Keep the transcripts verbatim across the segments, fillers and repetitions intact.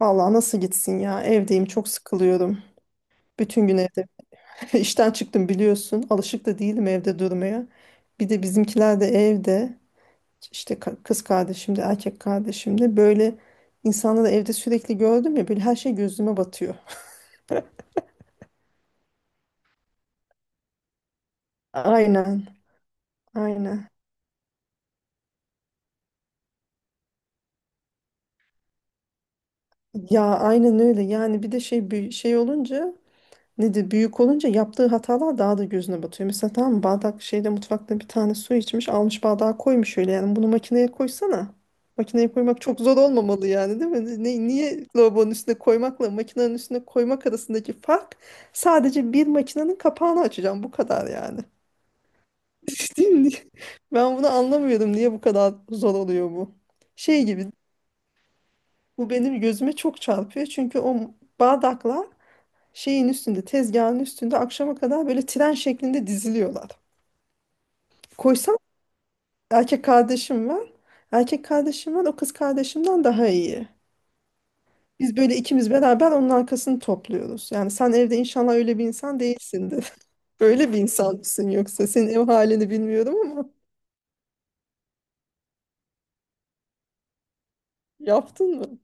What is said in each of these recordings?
Vallahi nasıl gitsin ya? Evdeyim, çok sıkılıyorum. Bütün gün evde. İşten çıktım biliyorsun. Alışık da değilim evde durmaya. Bir de bizimkiler de evde. İşte ka- kız kardeşim de erkek kardeşim de. Böyle insanları evde sürekli gördüm ya. Böyle her şey gözüme batıyor. Aynen. Aynen. Ya aynen öyle. Yani bir de şey bir şey olunca nedir, büyük olunca yaptığı hatalar daha da gözüne batıyor. Mesela tamam mı, bardak şeyde, mutfakta bir tane su içmiş, almış bardağa koymuş, öyle yani. Bunu makineye koysana. Makineye koymak çok zor olmamalı yani, değil mi? Ne, niye lavabonun üstüne koymakla makinenin üstüne koymak arasındaki fark sadece bir makinenin kapağını açacağım, bu kadar yani. Değil mi? Ben bunu anlamıyorum, niye bu kadar zor oluyor bu. Şey gibi, bu benim gözüme çok çarpıyor çünkü o bardaklar şeyin üstünde, tezgahın üstünde akşama kadar böyle tren şeklinde diziliyorlar. Koysam erkek kardeşim var. Erkek kardeşim var, o kız kardeşimden daha iyi. Biz böyle ikimiz beraber onun arkasını topluyoruz. Yani sen evde inşallah öyle bir insan değilsindir. Öyle bir insan mısın yoksa? Senin ev halini bilmiyorum ama yaptın mı?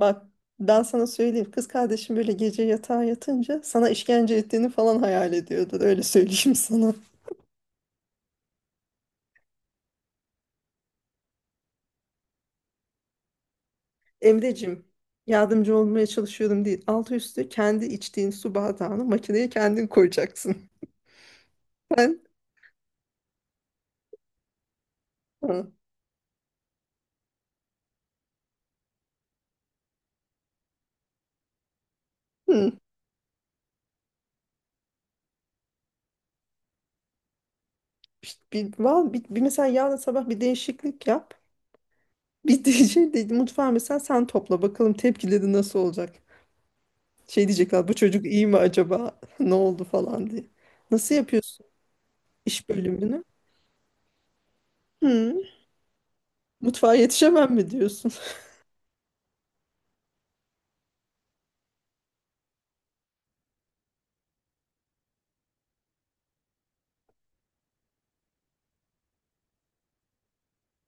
Bak ben sana söyleyeyim. Kız kardeşim böyle gece yatağa yatınca sana işkence ettiğini falan hayal ediyordur. Öyle söyleyeyim sana. Emreciğim, yardımcı olmaya çalışıyorum değil. Altı üstü kendi içtiğin su bardağını makineye kendin koyacaksın. Ben hı, hı. İşte bir, var, bir, bir mesela yarın sabah bir değişiklik yap. Bir diyecek de, mutfağı mesela sen topla bakalım tepkileri nasıl olacak. Şey diyecekler, bu çocuk iyi mi acaba ne oldu falan diye. Nasıl yapıyorsun iş bölümünü? Hı, mutfağa yetişemem mi diyorsun?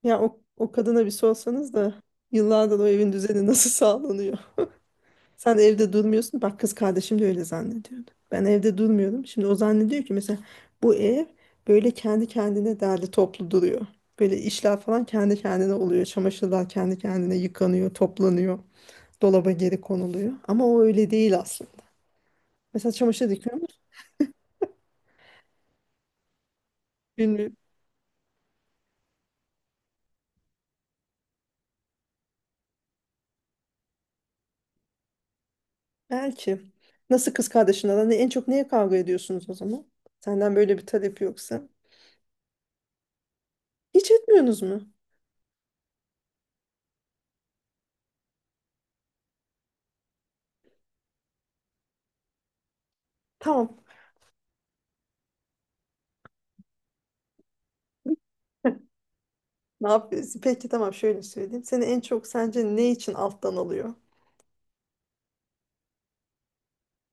Ya o, o kadına bir sorsanız da yıllardır o evin düzeni nasıl sağlanıyor? Sen evde durmuyorsun. Bak kız kardeşim de öyle zannediyordu. Ben evde durmuyorum. Şimdi o zannediyor ki mesela bu ev böyle kendi kendine derli toplu duruyor. Böyle işler falan kendi kendine oluyor. Çamaşırlar kendi kendine yıkanıyor, toplanıyor. Dolaba geri konuluyor. Ama o öyle değil aslında. Mesela çamaşır dikiyor musun? Bilmiyorum. Belki. Nasıl kız kardeşinle aran? En çok neye kavga ediyorsunuz o zaman? Senden böyle bir talep yoksa. Hiç etmiyorsunuz mu? Tamam. Ne yapıyorsun? Peki tamam, şöyle söyleyeyim. Seni en çok sence ne için alttan alıyor?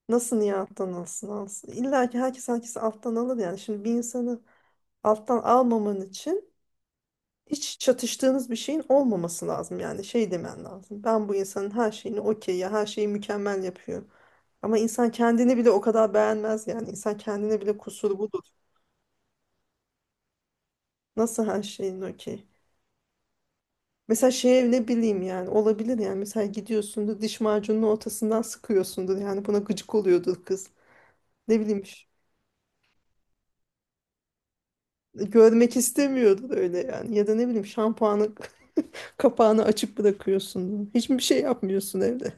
Nasıl niye alttan alsın alsın? İlla ki herkes herkesi alttan alır yani. Şimdi bir insanı alttan almaman için hiç çatıştığınız bir şeyin olmaması lazım. Yani şey demen lazım: ben bu insanın her şeyini okey ya, her şeyi mükemmel yapıyor. Ama insan kendini bile o kadar beğenmez yani. İnsan kendine bile kusuru budur. Nasıl her şeyin okey? Mesela şey, ne bileyim yani, olabilir yani. Mesela gidiyorsundur, diş macununun ortasından sıkıyorsundur yani, buna gıcık oluyordur kız. Ne bileyim ş- görmek istemiyordur öyle yani, ya da ne bileyim şampuanı kapağını açık bırakıyorsundur. Hiçbir şey yapmıyorsun evde.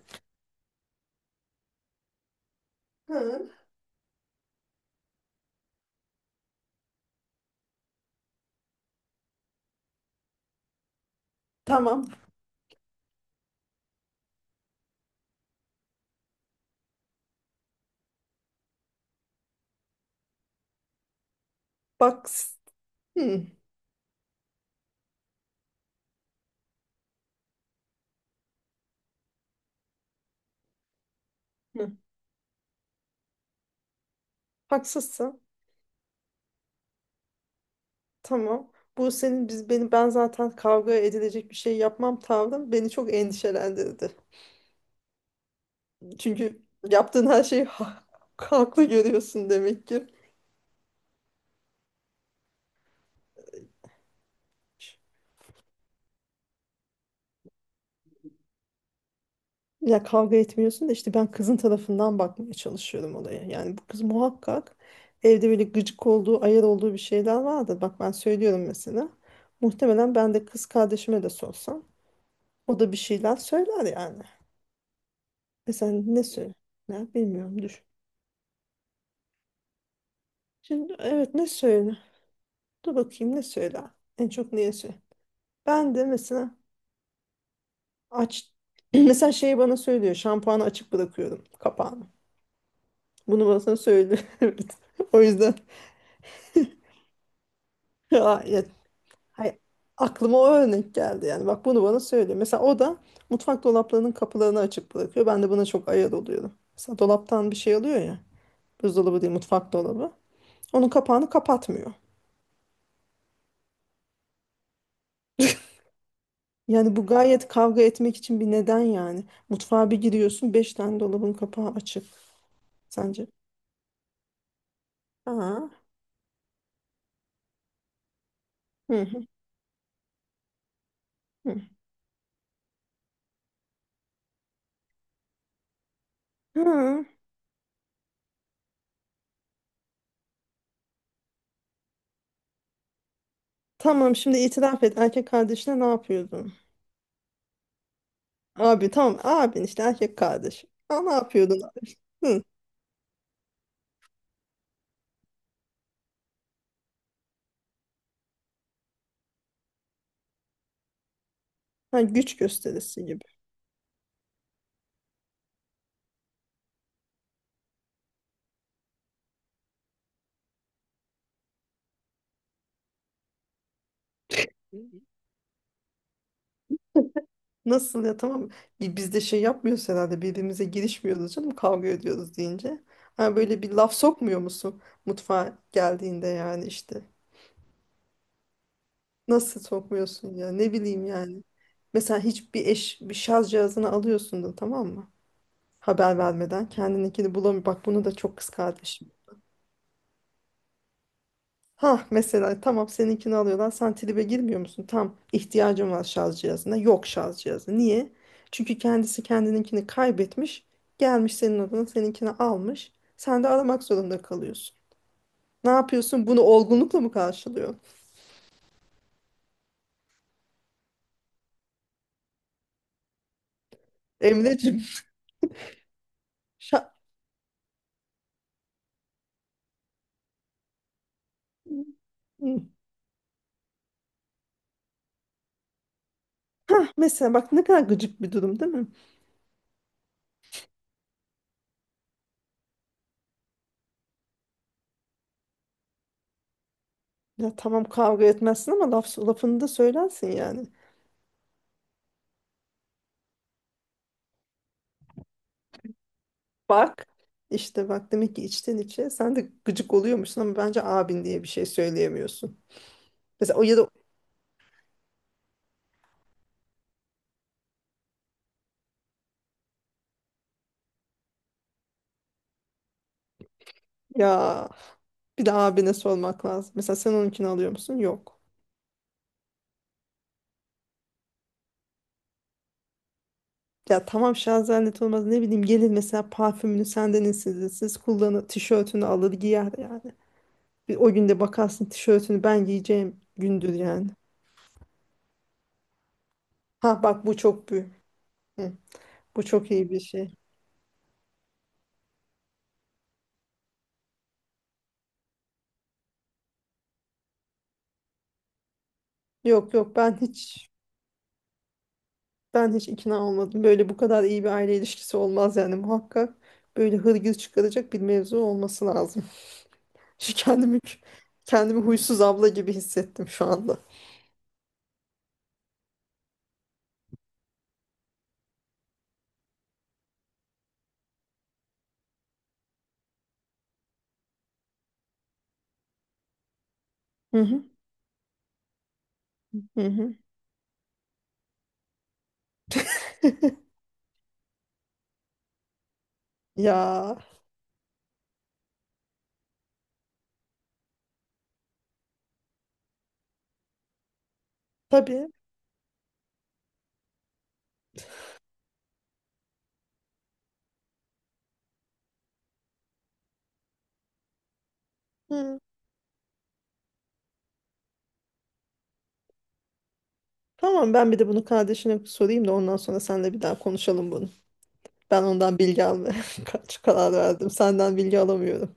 Hı. Tamam, bak s- hı. Hı. Haksızsın, tamam. Bu senin biz beni ben zaten kavga edilecek bir şey yapmam tavrım beni çok endişelendirdi. Çünkü yaptığın her şeyi ha- haklı görüyorsun demek ki. Ya kavga etmiyorsun da işte ben kızın tarafından bakmaya çalışıyorum olaya. Yani bu kız muhakkak evde böyle gıcık olduğu, ayar olduğu bir şeyler vardır. Bak ben söylüyorum mesela. Muhtemelen ben de kız kardeşime de sorsam o da bir şeyler söyler yani. Mesela ne söyler, bilmiyorum, düşün. Şimdi evet, ne söyler? Dur bakayım ne söyler? En çok neye söyler? Ben de mesela aç mesela şeyi bana söylüyor. Şampuanı açık bırakıyorum kapağını. Bunu bana söylüyor. Evet. O yüzden ya, hayır, aklıma o örnek geldi yani. Bak bunu bana söylüyor. Mesela o da mutfak dolaplarının kapılarını açık bırakıyor. Ben de buna çok ayar oluyorum. Mesela dolaptan bir şey alıyor ya. Buzdolabı değil, mutfak dolabı. Onun kapağını kapatmıyor. Yani bu gayet kavga etmek için bir neden yani. Mutfağa bir giriyorsun, beş tane dolabın kapağı açık. Sence? Ha. Hı hı hı. Hı. Tamam şimdi itiraf et. Erkek kardeşine ne yapıyordun? Abi tamam, abin işte erkek kardeş. Ha, ne yapıyordun abi? Hı. Ha, güç gösterisi gibi. Nasıl ya, tamam. Bi- Biz de şey yapmıyoruz herhalde, birbirimize girişmiyoruz canım kavga ediyoruz deyince. Ha böyle bir laf sokmuyor musun mutfağa geldiğinde yani işte. Nasıl sokmuyorsun ya, ne bileyim yani. Mesela hiçbir eş, bir şarj cihazını alıyorsun da tamam mı? Haber vermeden kendininkini bulamıyor. Bak bunu da çok kız. Ha mesela, tamam, seninkini alıyorlar. Sen tribe girmiyor musun? Tam ihtiyacım var şarj cihazına. Yok şarj cihazı. Niye? Çünkü kendisi kendininkini kaybetmiş. Gelmiş senin odana seninkini almış. Sen de aramak zorunda kalıyorsun. Ne yapıyorsun? Bunu olgunlukla mı karşılıyorsun? Emreciğim. şa- hı. Hah, mesela bak ne kadar gıcık bir durum, değil mi? Ya tamam kavga etmezsin ama laf, lafını da söylersin yani. Bak işte, bak demek ki içten içe sen de gıcık oluyormuşsun ama bence abin diye bir şey söyleyemiyorsun. Mesela o ya da ya bir de abine sormak lazım. Mesela sen onunkini alıyor musun? Yok. Ya tamam şarj olmaz, ne bileyim, gelir mesela parfümünü senden esirsiz kullanır, tişörtünü alır giyer yani. Bir o günde bakarsın, tişörtünü ben giyeceğim gündür yani. Ha bak bu çok büyük. Hı, bu çok iyi bir şey. Yok yok, ben hiç ben hiç ikna olmadım. Böyle bu kadar iyi bir aile ilişkisi olmaz yani muhakkak. Böyle hırgür çıkaracak bir mevzu olması lazım. Şu kendimi Kendimi huysuz abla gibi hissettim şu anda. Hı hı, hı hı. Ya tabii. Hı. Tamam, ben bir de bunu kardeşine sorayım da ondan sonra seninle bir daha konuşalım bunu. Ben ondan bilgi almaya kaç karar verdim. Senden bilgi alamıyorum.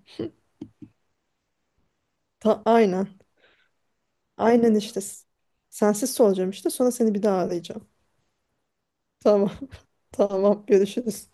Ta aynen. Aynen işte. Sensiz soracağım işte. Sonra seni bir daha arayacağım. Tamam. Tamam. Görüşürüz.